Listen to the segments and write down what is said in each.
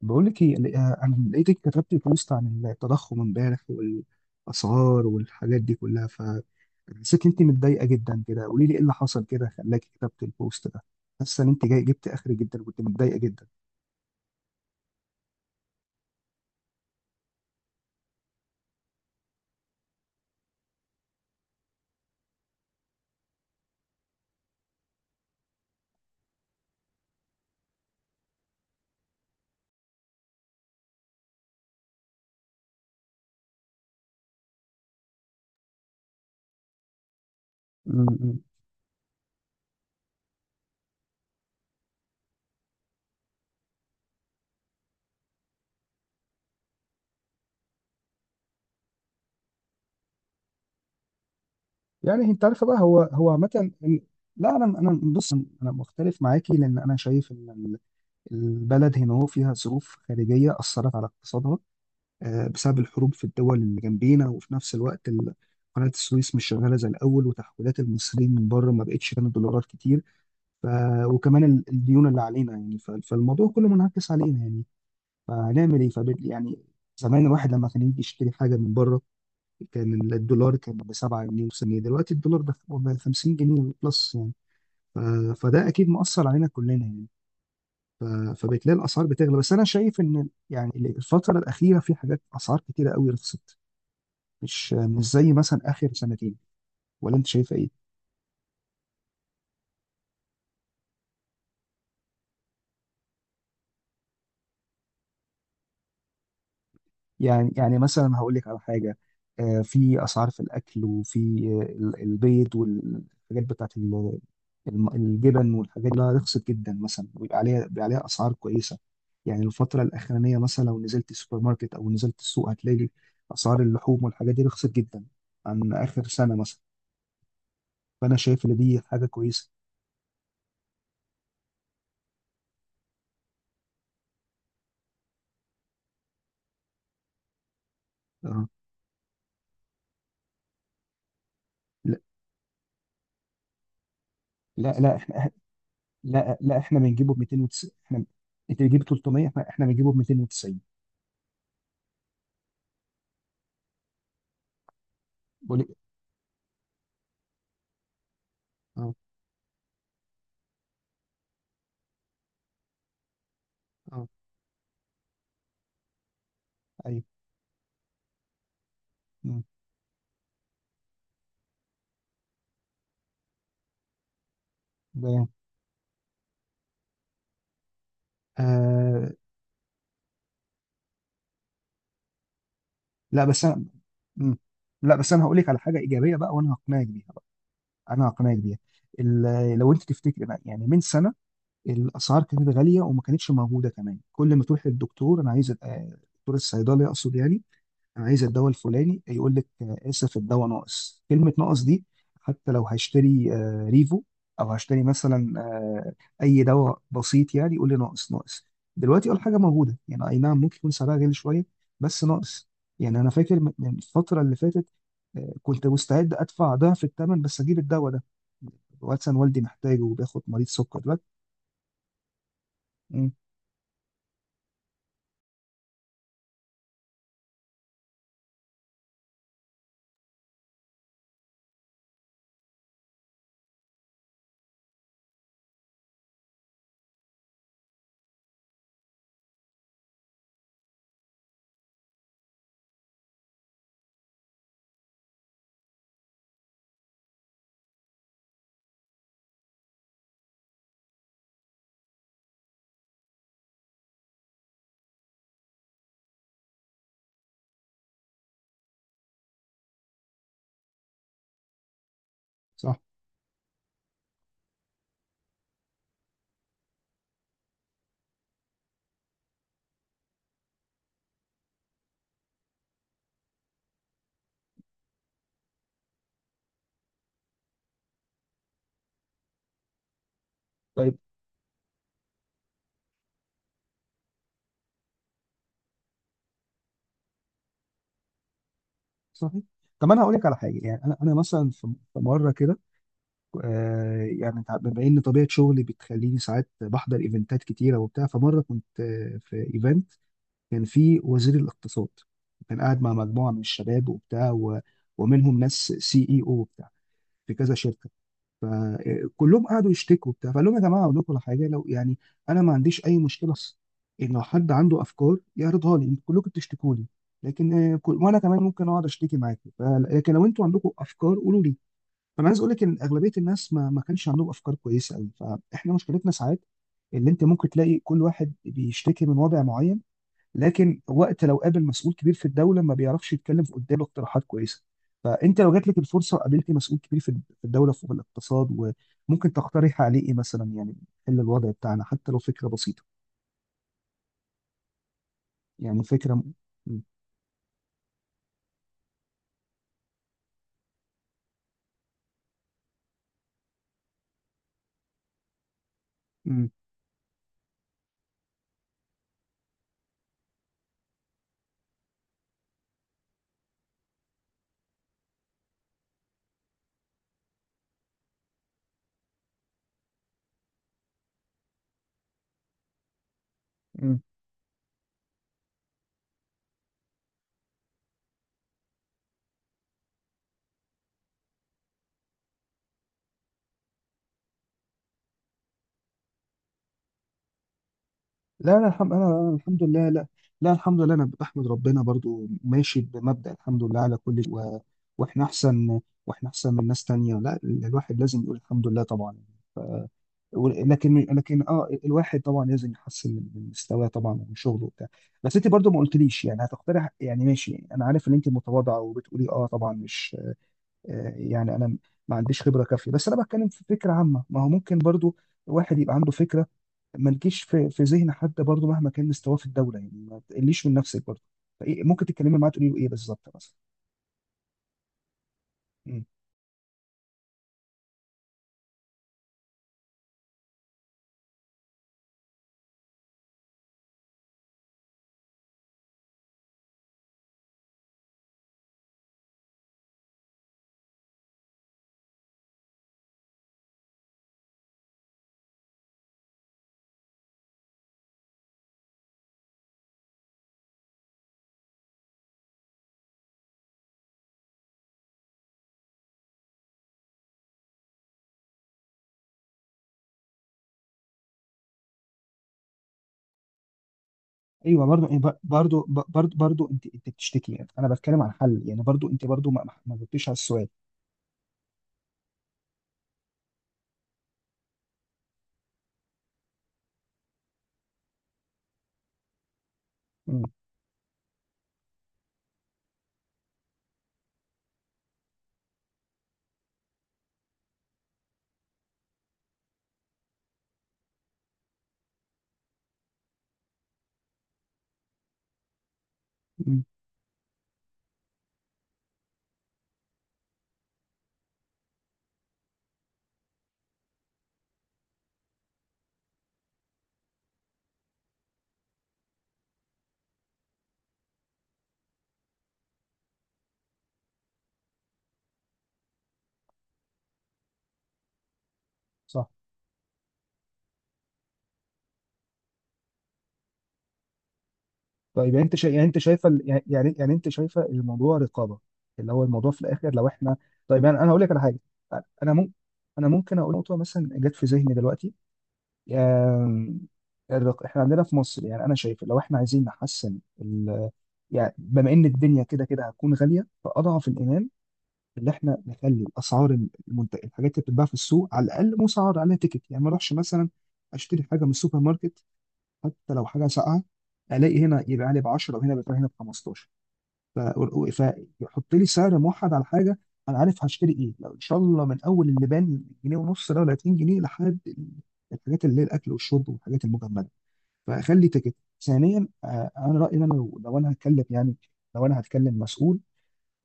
بقول لك ايه، انا لقيتك كتبتي بوست عن التضخم امبارح والاسعار والحاجات دي كلها، فحسيت ان انت متضايقه جدا كده. قولي لي ايه اللي حصل كده خلاكي كتبت البوست ده. حاسه ان انت جاي جبت اخر جدا وكنت متضايقه جدا. م-م. يعني انت عارفه بقى، هو عامه لا، انا بص، انا مختلف معاكي، لان انا شايف ان البلد هنا هو فيها ظروف خارجيه اثرت على اقتصادها، بسبب الحروب في الدول اللي جنبينا، وفي نفس الوقت قناة السويس مش شغالة زي الأول، وتحويلات المصريين من بره ما بقتش كانت دولارات كتير. ف... وكمان الديون اللي علينا يعني، فالموضوع كله منعكس علينا يعني. فهنعمل إيه؟ يعني، زمان الواحد لما كان يجي يشتري حاجة من بره، كان الدولار كان ب 7 جنيه، وسنة دلوقتي الدولار ده ب 50 جنيه بلس يعني. ف... فده أكيد مؤثر علينا كلنا يعني. ف... فبتلاقي الأسعار بتغلى، بس أنا شايف إن يعني الفترة الأخيرة في حاجات أسعار كتيرة قوي رخصت، مش زي مثلا اخر سنتين. ولا انت شايفه ايه؟ يعني مثلا هقول لك على حاجه، في اسعار، في الاكل وفي البيض والحاجات بتاعت الجبن والحاجات دي رخصت جدا مثلا، ويبقى عليها، بيبقى عليها اسعار كويسه. يعني الفتره الاخرانيه مثلا لو نزلت السوبر ماركت او نزلت السوق هتلاقي اسعار اللحوم والحاجات دي رخصت جدا عن اخر سنه مثلا. فانا شايف ان دي حاجه كويسه. آه. لا لا لا، احنا. لا لا، احنا بنجيبه ب 290 احنا. انت بتجيب 300، احنا بنجيبه ب 290. بقول لك. اه. اه. ايوه. مم. ده- آه. لا بس انا. مم. لا بس انا هقول لك على حاجه ايجابيه بقى، وانا هقنعك بيها بقى. انا هقنعك بيها. لو انت تفتكر بقى يعني من سنه، الاسعار كانت غاليه وما كانتش موجوده كمان. كل ما تروح للدكتور، دكتور الصيدلي اقصد يعني، انا عايز الدواء الفلاني، يقول لك اسف الدواء ناقص. كلمه ناقص دي، حتى لو هشتري ريفو، او هشتري مثلا اي دواء بسيط يعني، يقول لي ناقص ناقص. دلوقتي اول حاجه موجوده يعني، اي نعم ممكن يكون سعرها غالي شويه بس ناقص. يعني انا فاكر من الفتره اللي فاتت، كنت مستعد ادفع ضعف الثمن بس اجيب الدواء ده. واتسن والدي محتاجه، وبياخد مريض سكر دلوقتي. امم صح. طيب. صحيح. طب انا هقول لك على حاجه يعني، انا مثلا في مره كده، يعني بما ان طبيعه شغلي بتخليني ساعات بحضر ايفنتات كتيره وبتاع، فمره كنت في ايفنت كان فيه وزير الاقتصاد، كان قاعد مع مجموعه من الشباب وبتاع، ومنهم ناس CEO وبتاع في كذا شركه. فكلهم قعدوا يشتكوا وبتاع، فقال لهم يا جماعه اقول لكم على حاجه، لو يعني انا ما عنديش اي مشكله اصلا، ان لو حد عنده افكار يعرضها لي. انتوا كلكم بتشتكوا لي لكن وانا كمان ممكن اقعد اشتكي معاكم لكن لو انتوا عندكم افكار قولوا لي. فانا عايز اقول لك ان اغلبيه الناس ما كانش عندهم افكار كويسه قوي. فاحنا مشكلتنا ساعات اللي انت ممكن تلاقي كل واحد بيشتكي من وضع معين، لكن وقت لو قابل مسؤول كبير في الدوله ما بيعرفش يتكلم في قدامه اقتراحات كويسه. فانت لو جات لك الفرصه وقابلتي مسؤول كبير في الدوله، في الاقتصاد، وممكن تقترح عليه ايه مثلا يعني، حل الوضع بتاعنا حتى لو فكره بسيطه. يعني فكره. م... م... م... لا لا، الحمد، الحمد لله، لا. لا الحمد لله، انا بحمد ربنا برضو، ماشي بمبدأ الحمد لله على كل شيء واحنا احسن واحنا احسن من ناس تانية، لا الواحد لازم يقول الحمد لله طبعا. لكن الواحد طبعا لازم يحسن من مستواه طبعا، ومن شغله وبتاع. بس انت برضو ما قلتليش يعني هتقترح، يعني ماشي انا عارف ان انت متواضعة وبتقولي اه طبعا مش يعني انا ما عنديش خبرة كافية، بس انا بتكلم في فكرة عامة. ما هو ممكن برضو الواحد يبقى عنده فكرة ما تجيش في ذهن حد برضه، مهما كان مستواه في الدوله يعني، ما تقليش من نفسك برضه. فإيه ممكن تتكلمي معاه تقولي له ايه بالظبط مثلا؟ مم. ايوه. برضه برضه برضه ب- برضه برضه، انت بتشتكي يعني، انا بتكلم عن حل يعني. برضه انت برضه ما جبتيش على السؤال. مم. مم. صح. طيب، يعني انت يعني انت شايفه يعني انت شايفه الموضوع رقابه، اللي هو الموضوع في الاخر. لو احنا، طيب يعني انا هقول لك على حاجه. انا ممكن انا ممكن اقول نقطه مثلا جت في ذهني دلوقتي، آم، احنا عندنا في مصر، يعني انا شايف لو احنا عايزين نحسن يعني، بما ان الدنيا كده كده هتكون غاليه، فاضعف الايمان اللي احنا نخلي الاسعار، المنتج، الحاجات اللي بتتباع في السوق على الاقل مسعر عليها تيكت. يعني ما اروحش مثلا اشتري حاجه من السوبر ماركت، حتى لو حاجه ساقعه، الاقي هنا يبقى عليه ب 10 وهنا بيبقى هنا ب 15. ف- و- فيحط لي سعر موحد على حاجه، انا عارف هشتري ايه لو ان شاء الله، من اول اللبان جنيه ونص ده ولا 2 جنيه لحد الحاجات اللي هي الاكل والشرب والحاجات المجمده، فاخلي تيكت. ثانيا، انا رايي إن انا، لو لو انا هتكلم يعني، لو انا هتكلم مسؤول،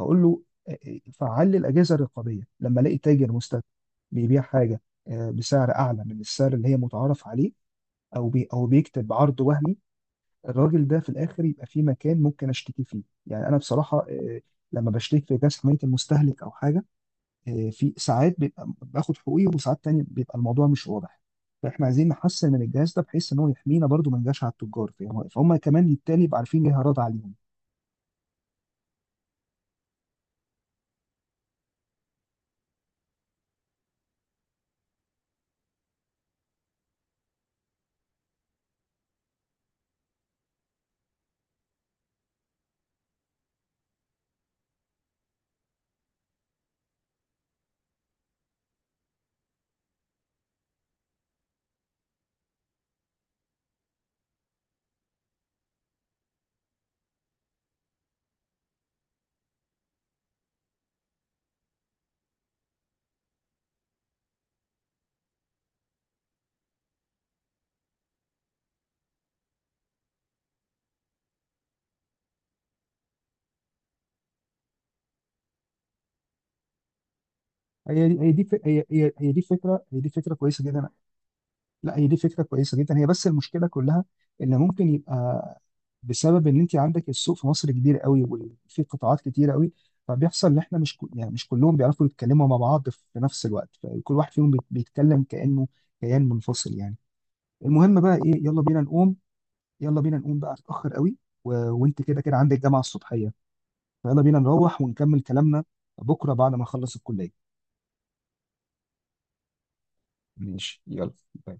هقول له فعل لي الاجهزه الرقابيه. لما الاقي تاجر مستثمر بيبيع حاجه بسعر اعلى من السعر اللي هي متعارف عليه، او بيكتب عرض وهمي، الراجل ده في الاخر يبقى في مكان ممكن اشتكي فيه. يعني انا بصراحه لما بشتكي في جهاز حمايه المستهلك او حاجه، في ساعات بيبقى باخد حقوقي، وساعات تانية بيبقى الموضوع مش واضح. فاحنا عايزين نحسن من الجهاز ده، بحيث ان هو يحمينا برضو، ما نجاش على التجار. فاهم؟ فهم كمان بالتالي يبقى عارفين ليه هرد عليهم. هي دي هي دي هي هي هي دي فكره هي دي فكره كويسه جدا. لا، هي دي فكرة كويسة جدا، هي. بس المشكلة كلها إن ممكن يبقى بسبب إن أنت عندك السوق في مصر كبير قوي، وفي قطاعات كتير قوي. فبيحصل إن إحنا مش يعني مش كلهم بيعرفوا يتكلموا مع بعض في نفس الوقت، فكل واحد فيهم بيتكلم كأنه كيان منفصل يعني. المهم بقى إيه، يلا بينا نقوم. بقى اتأخر قوي، وأنت كده كده عندك جامعة الصبحية، فيلا بينا نروح ونكمل كلامنا بكرة بعد ما نخلص الكلية. ماشي يلا. باي باي.